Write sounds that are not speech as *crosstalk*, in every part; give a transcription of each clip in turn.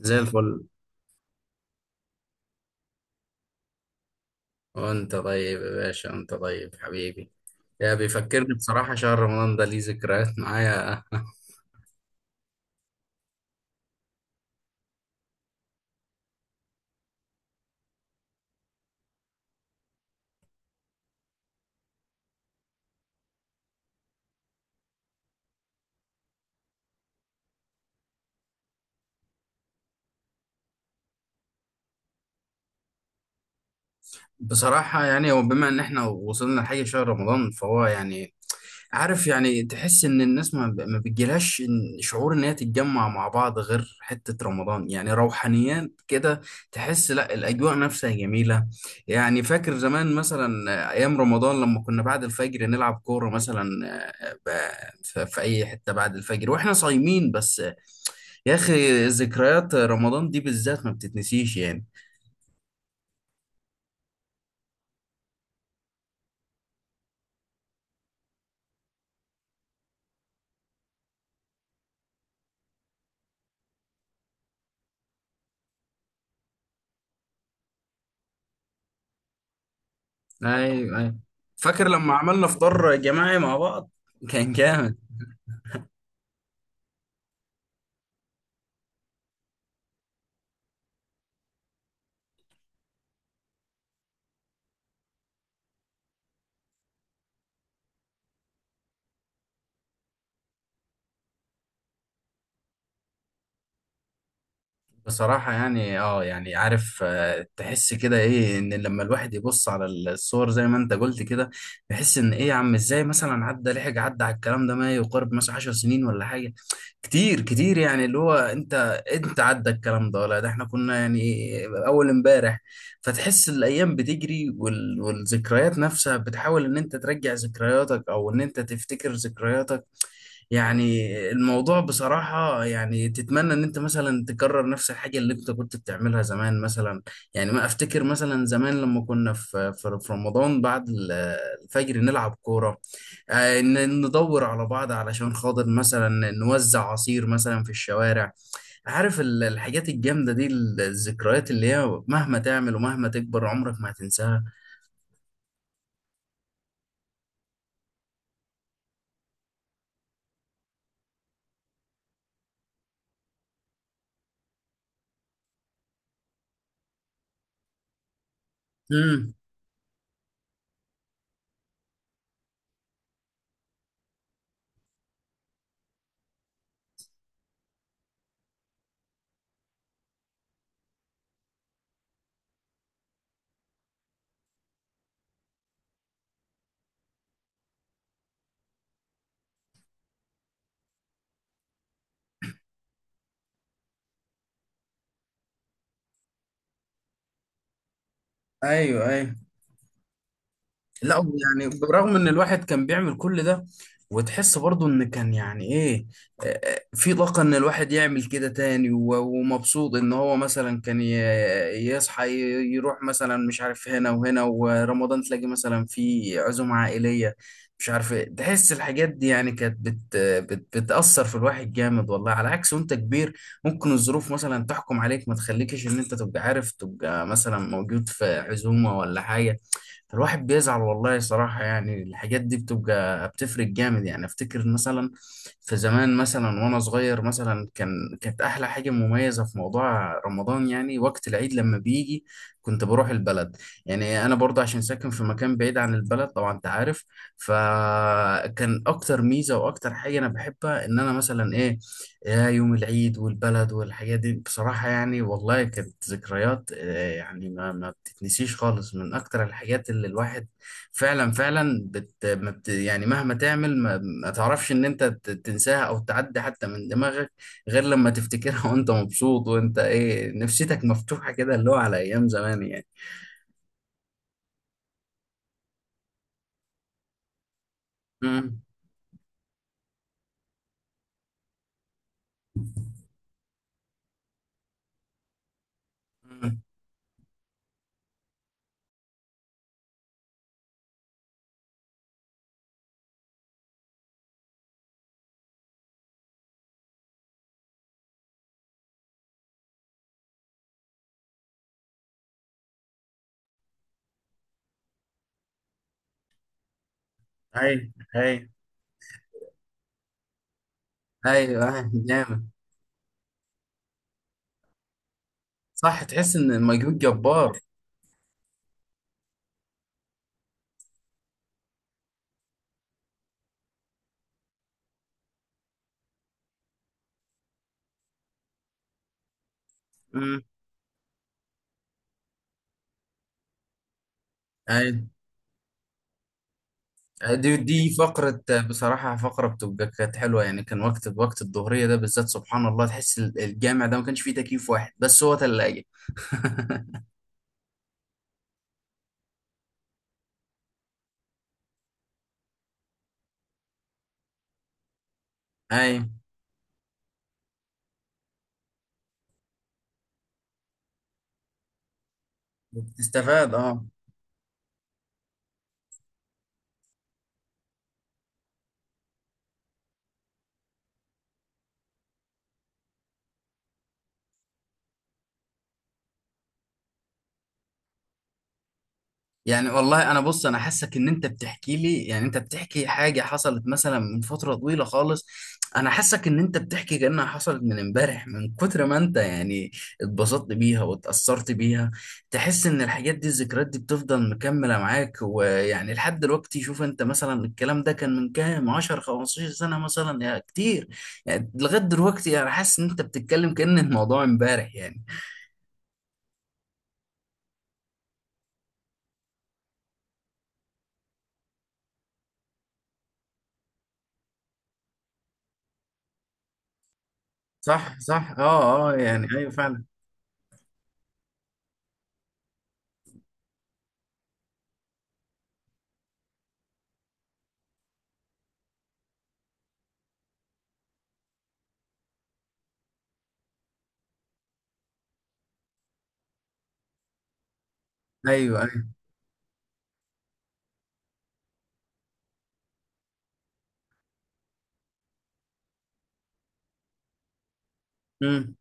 زي الفل. وانت طيب يا باشا، انت طيب حبيبي. يا بيفكرني، بصراحة شهر رمضان ده ليه ذكريات معايا. *laughs* بصراحة يعني هو بما ان احنا وصلنا لحاجة شهر رمضان، فهو يعني عارف، يعني تحس ان الناس ما بتجيلهاش، شعور ان هي تتجمع مع بعض غير حتة رمضان، يعني روحانيات كده. تحس لا، الاجواء نفسها جميلة. يعني فاكر زمان مثلا، ايام رمضان لما كنا بعد الفجر نلعب كورة مثلا، في اي حتة بعد الفجر واحنا صايمين، بس يا اخي، ذكريات رمضان دي بالذات ما بتتنسيش يعني. ايوه، ايوه. فاكر لما عملنا فطار جماعي مع بعض، كان جامد. بصراحة يعني يعني عارف، تحس كده ايه، ان لما الواحد يبص على الصور زي ما انت قلت كده، بيحس ان ايه يا عم، ازاي مثلا عدى، لحق عدى على الكلام ده ما يقارب مثلا 10 سنين ولا حاجة كتير كتير، يعني اللي هو انت عدى الكلام ده، ولا ده احنا كنا يعني اول امبارح. فتحس الايام بتجري والذكريات نفسها بتحاول ان انت ترجع ذكرياتك او ان انت تفتكر ذكرياتك يعني. الموضوع بصراحة يعني تتمنى ان انت مثلا تكرر نفس الحاجة اللي انت كنت بتعملها زمان مثلا. يعني ما افتكر مثلا زمان لما كنا في رمضان، بعد الفجر نلعب كورة، ندور على بعض علشان خاطر مثلا نوزع عصير مثلا في الشوارع، عارف الحاجات الجامدة دي، الذكريات اللي هي مهما تعمل ومهما تكبر عمرك ما هتنساها. امم، ايوه، ايوه. لا هو يعني برغم ان الواحد كان بيعمل كل ده، وتحس برضه ان كان يعني ايه، في طاقة ان الواحد يعمل كده تاني، ومبسوط ان هو مثلا كان يصحى، يروح مثلا مش عارف هنا وهنا، ورمضان تلاقي مثلا في عزومة عائلية، مش عارف ايه. تحس الحاجات دي يعني كانت بت بت بتأثر في الواحد جامد والله، على عكس وانت كبير ممكن الظروف مثلا تحكم عليك، ما تخليكش ان انت تبقى عارف، تبقى مثلا موجود في عزومة ولا حاجة. فالواحد بيزعل والله صراحة، يعني الحاجات دي بتبقى بتفرق جامد يعني. افتكر مثلا في زمان مثلا وانا صغير مثلا، كانت احلى حاجة مميزة في موضوع رمضان، يعني وقت العيد لما بيجي كنت بروح البلد. يعني انا برضه عشان ساكن في مكان بعيد عن البلد، طبعا انت عارف. فكان اكتر ميزة واكتر حاجة انا بحبها، ان انا مثلا ايه، يا يوم العيد والبلد والحاجات دي، بصراحة يعني والله كانت ذكريات، يعني ما تنسيش خالص، من اكتر الحاجات اللي الواحد فعلا فعلا بت ما بت، يعني مهما تعمل ما تعرفش ان انت تنساها او تعدي حتى من دماغك، غير لما تفتكرها. *laughs* وانت مبسوط، وانت ايه، نفسيتك مفتوحة كده اللي هو على ايام زمان يعني. امم. أمم. ايوه، ايوه، ايوه، أيوة، جامد. صح، تحس ان المجهود جبار. امم، ايوه. دي فقرة، بصراحة فقرة بتبقى كانت حلوة يعني، كان وقت الظهرية ده بالذات، سبحان الله تحس الجامع ده ما كانش فيه تكييف واحد، بس هو تلاجة. أي. بتستفاد، اه. يعني والله انا بص، انا حاسك ان انت بتحكي لي، يعني انت بتحكي حاجه حصلت مثلا من فتره طويله خالص. انا حاسك ان انت بتحكي كانها حصلت من امبارح، من كتر ما انت يعني اتبسطت بيها واتاثرت بيها. تحس ان الحاجات دي الذكريات دي بتفضل مكمله معاك، ويعني لحد دلوقتي شوف انت مثلا، الكلام ده كان من كام 10 15 سنه مثلا يا كتير، يعني لغايه دلوقتي انا حاسس ان انت بتتكلم كأن الموضوع امبارح يعني. صح، صح، اه، اه، يعني ايوه، فعلا. ايوه، ايوه. إمم.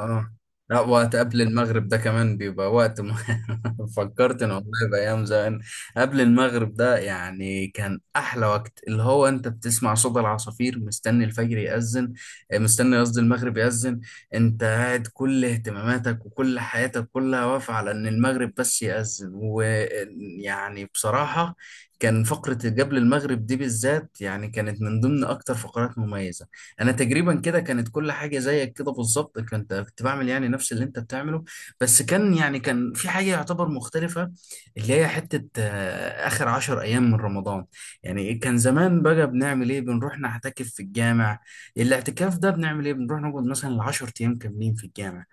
اه. لا، وقت قبل المغرب ده كمان بيبقى وقت *laughs* فكرت ان والله بايام زمان، قبل المغرب ده يعني كان احلى وقت، اللي هو انت بتسمع صوت العصافير مستني الفجر يأذن، مستني، قصدي، المغرب يأذن، انت قاعد كل اهتماماتك وكل حياتك كلها واقفة على ان المغرب بس يأذن، ويعني بصراحة كان فقرة قبل المغرب دي بالذات، يعني كانت من ضمن اكتر فقرات مميزة. انا تقريبا كده كانت كل حاجه زيك كده بالظبط، كنت بعمل يعني نفس اللي انت بتعمله، بس كان يعني كان في حاجه يعتبر مختلفه، اللي هي حته، اخر عشر ايام من رمضان. يعني كان زمان بقى بنعمل ايه، بنروح نعتكف في الجامع. الاعتكاف ده بنعمل ايه، بنروح نقعد مثلا 10 ايام كاملين في الجامع،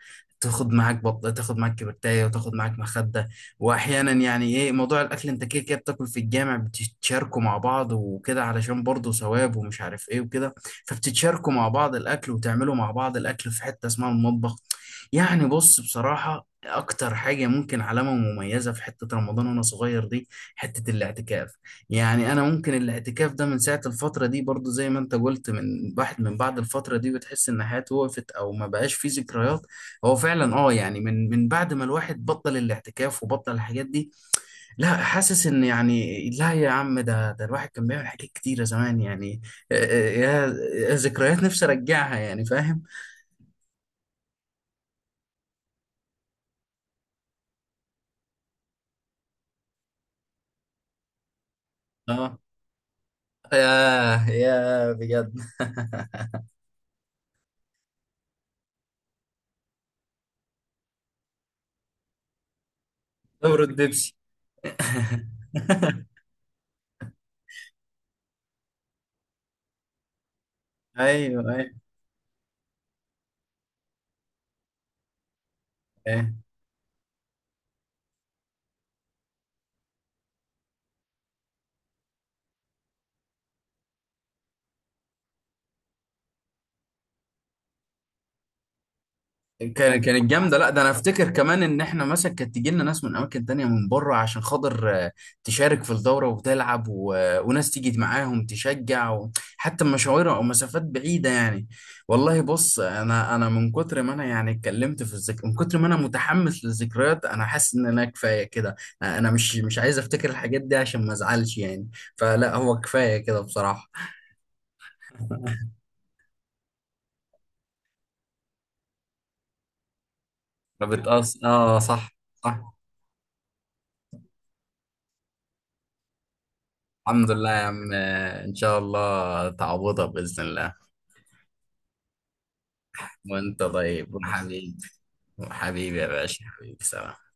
تاخد معاك بطة، تاخد معاك كبرتاية، وتاخد معاك مخدة. واحيانا يعني ايه، موضوع الاكل انت كده كده بتاكل في الجامع، بتشاركوا مع بعض وكده علشان برضه ثواب، ومش عارف ايه وكده، فبتتشاركوا مع بعض الأكل وتعملوا مع بعض الأكل في حتة اسمها المطبخ. يعني بص بصراحة، أكتر حاجة ممكن علامة مميزة في حتة رمضان وأنا صغير دي، حتة الاعتكاف. يعني أنا ممكن الاعتكاف ده من ساعة الفترة دي، برضو زي ما أنت قلت، من واحد من بعد الفترة دي بتحس إن حياته وقفت، أو ما بقاش فيه ذكريات. هو فعلا يعني من بعد ما الواحد بطل الاعتكاف وبطل الحاجات دي، لا حاسس ان يعني لا يا عم، ده الواحد كان بيعمل حاجات كتيرة زمان يعني، آه، آه، يا يا ذكريات، نفسي ارجعها يعني، فاهم. اه، يا بجد. دورة بيبسي. *laughs* ايوه، ايوه، أيوة. كانت جامده. لا ده انا افتكر كمان، ان احنا مثلا كانت تيجي لنا ناس من اماكن تانية من بره، عشان خاطر تشارك في الدوره وتلعب، وناس تيجي معاهم تشجع، حتى مشاوير او مسافات بعيده يعني. والله بص، انا من كتر ما انا يعني اتكلمت في من كتر ما انا متحمس للذكريات، انا حاسس ان انا كفايه كده. انا مش عايز افتكر الحاجات دي عشان ما ازعلش يعني، فلا هو كفايه كده بصراحه. *laughs* بتقص، اه، صح. صح. الحمد لله يا عم، ان شاء الله تعوضها باذن الله. وانت طيب وحبيبي. حبيبي يا باشا، حبيبي، سلام.